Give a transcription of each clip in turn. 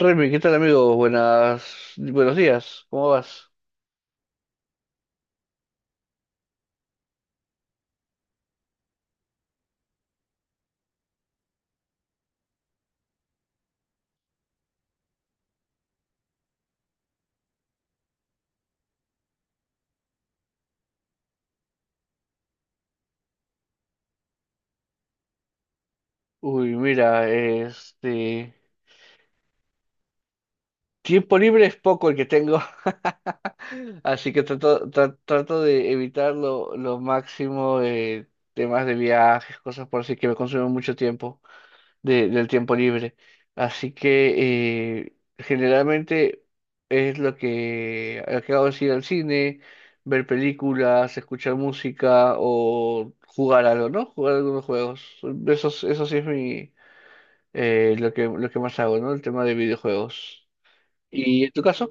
Remy, ¿qué tal amigo? Buenas, buenos días, ¿cómo vas? Uy, mira, este tiempo libre es poco el que tengo, así que trato de evitar lo máximo de temas de viajes, cosas por así que me consumen mucho tiempo del tiempo libre. Así que generalmente es lo que hago es ir al cine, ver películas, escuchar música o jugar algo, ¿no? Jugar algunos juegos. Eso, eso sí es mi, lo que más hago, ¿no? El tema de videojuegos. ¿Y en tu caso?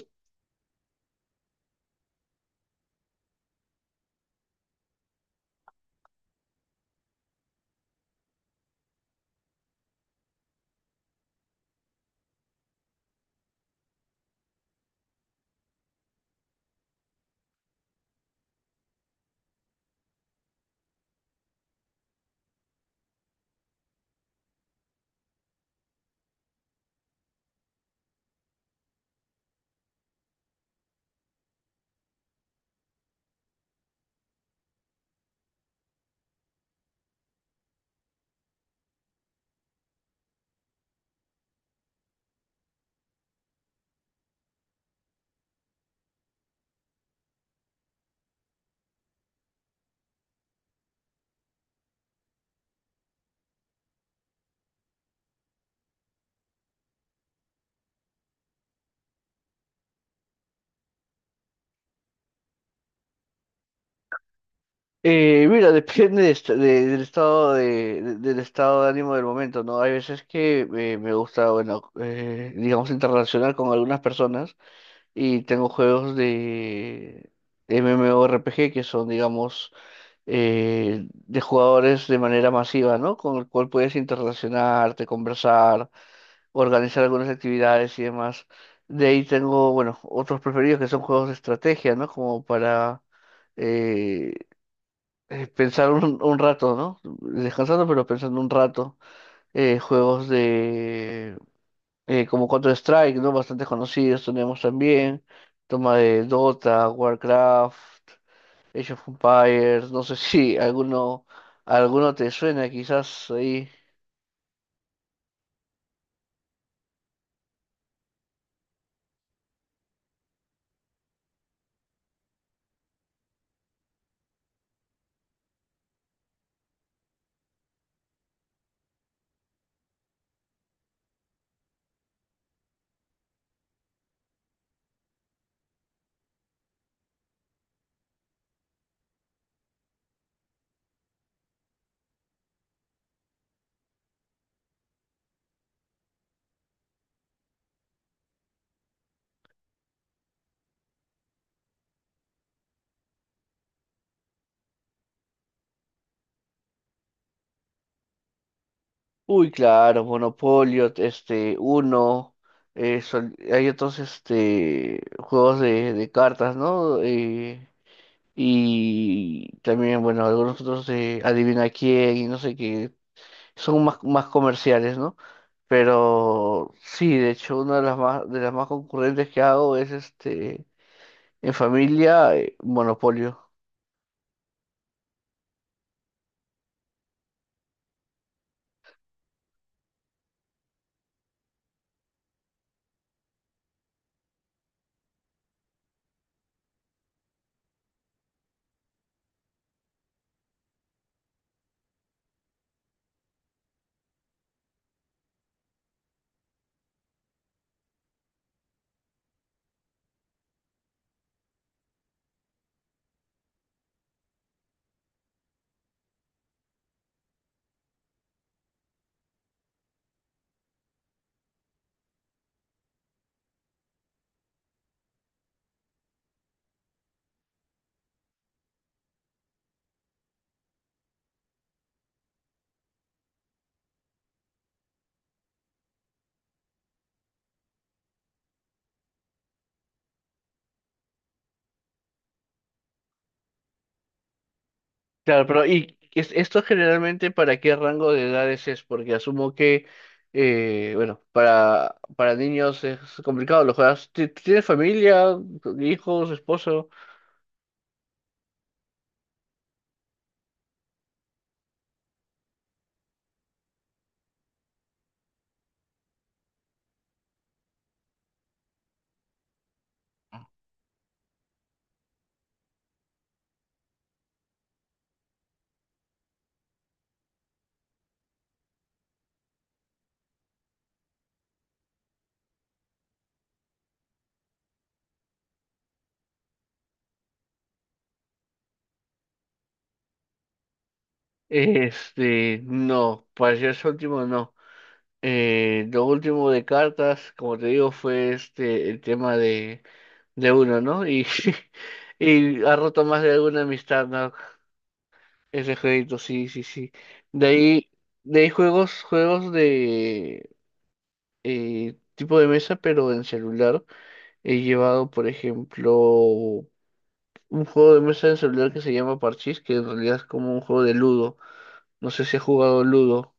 Mira, depende del estado de, del estado de ánimo del momento, ¿no? Hay veces que me gusta, bueno, digamos, interrelacionar con algunas personas. Y tengo juegos de MMORPG que son, digamos, de jugadores de manera masiva, ¿no? Con el cual puedes interrelacionarte, conversar, organizar algunas actividades y demás. De ahí tengo, bueno, otros preferidos que son juegos de estrategia, ¿no? Como para eh, pensar un rato, ¿no? Descansando, pero pensando un rato. Juegos como Counter-Strike, ¿no? Bastante conocidos tenemos también, toma de Dota, Warcraft, Age of Empires, no sé si alguno te suena quizás ahí. Uy, claro, Monopolio, Uno, hay otros, juegos de cartas, ¿no? Y también, bueno, algunos otros de Adivina quién y no sé qué, son más comerciales, ¿no? Pero sí, de hecho, una de las más concurrentes que hago es, en familia, Monopolio. Claro, pero ¿y esto generalmente para qué rango de edades es? Porque asumo que, bueno, para, niños es complicado, lo juegas, ¿tienes familia, hijos, esposo? No, para ser su último no. Lo último de cartas, como te digo, fue, el tema de uno, ¿no? Y, y ha roto más de alguna amistad, ¿no? Ese jueguito, sí, sí, sí. De ahí, juegos, de tipo de mesa, pero en celular. He llevado, por ejemplo, un juego de mesa en celular que se llama Parchís, que en realidad es como un juego de Ludo. No sé si has jugado Ludo.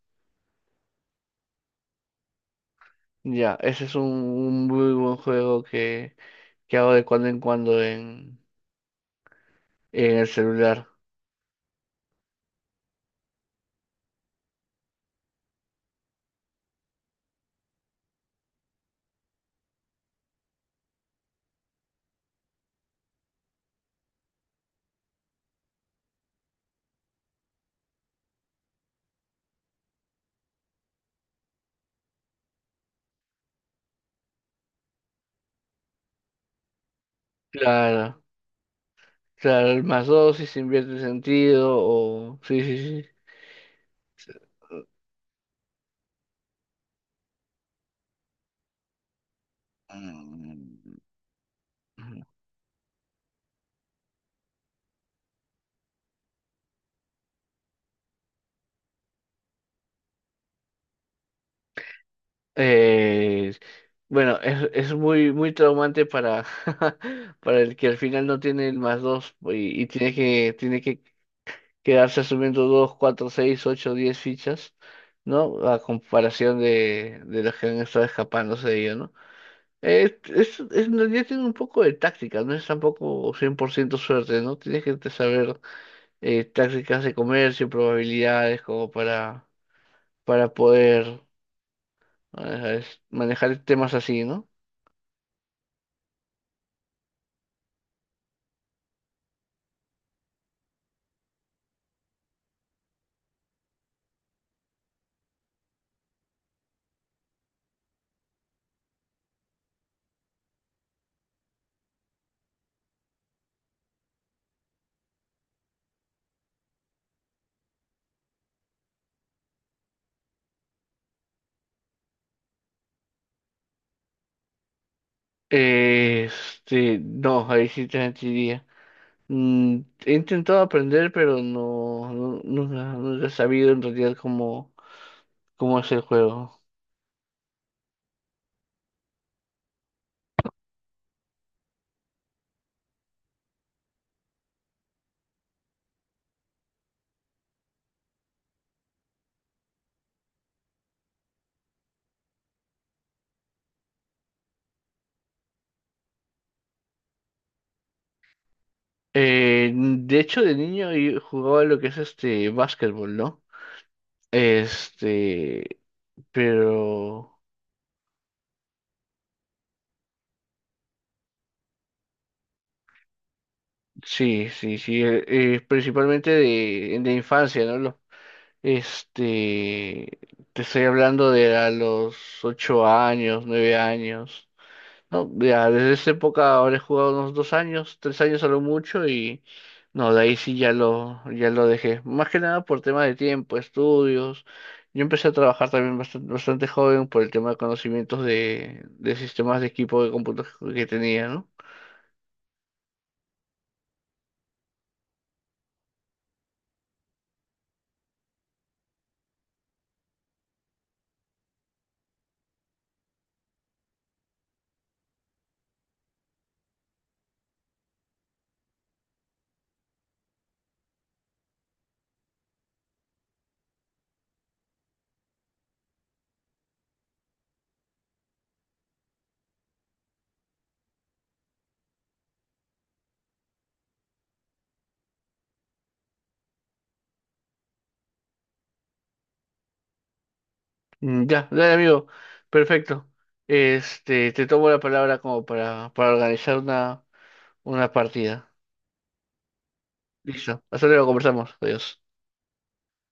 Ya, ese es un, muy buen juego que hago de cuando en cuando en, el celular. Claro. Claro, el más dos si se invierte el sentido o... Sí, sí, sí. Mm. Ujú. Eh, bueno, es muy, muy traumante para, para el que al final no tiene el más dos y tiene que quedarse asumiendo dos, cuatro, seis, ocho, diez fichas, ¿no? A comparación de los que han estado escapándose de ello, ¿no? Es, en realidad tiene un poco de táctica, no es tampoco 100% suerte, ¿no? Tienes que te saber, tácticas de comercio, probabilidades, como para, poder manejar temas así, ¿no? No, ahí sí te mentiría. Mm, he intentado aprender, pero no, nunca he sabido en realidad cómo, es el juego. De hecho, de niño yo jugaba lo que es este básquetbol, ¿no? Este, pero sí, sí, sí, principalmente de, infancia, ¿no? Los… Este, Te estoy hablando de a los 8 años, 9 años. No, ya desde esa época ahora he jugado unos 2 años, 3 años a lo mucho y no, de ahí sí ya lo, dejé. Más que nada por tema de tiempo, estudios. Yo empecé a trabajar también bastante, bastante joven por el tema de conocimientos de, sistemas de equipo de computación que tenía, ¿no? Mm, ya, dale amigo, perfecto. Te tomo la palabra como para, organizar una partida. Listo. Hasta luego, conversamos. Adiós.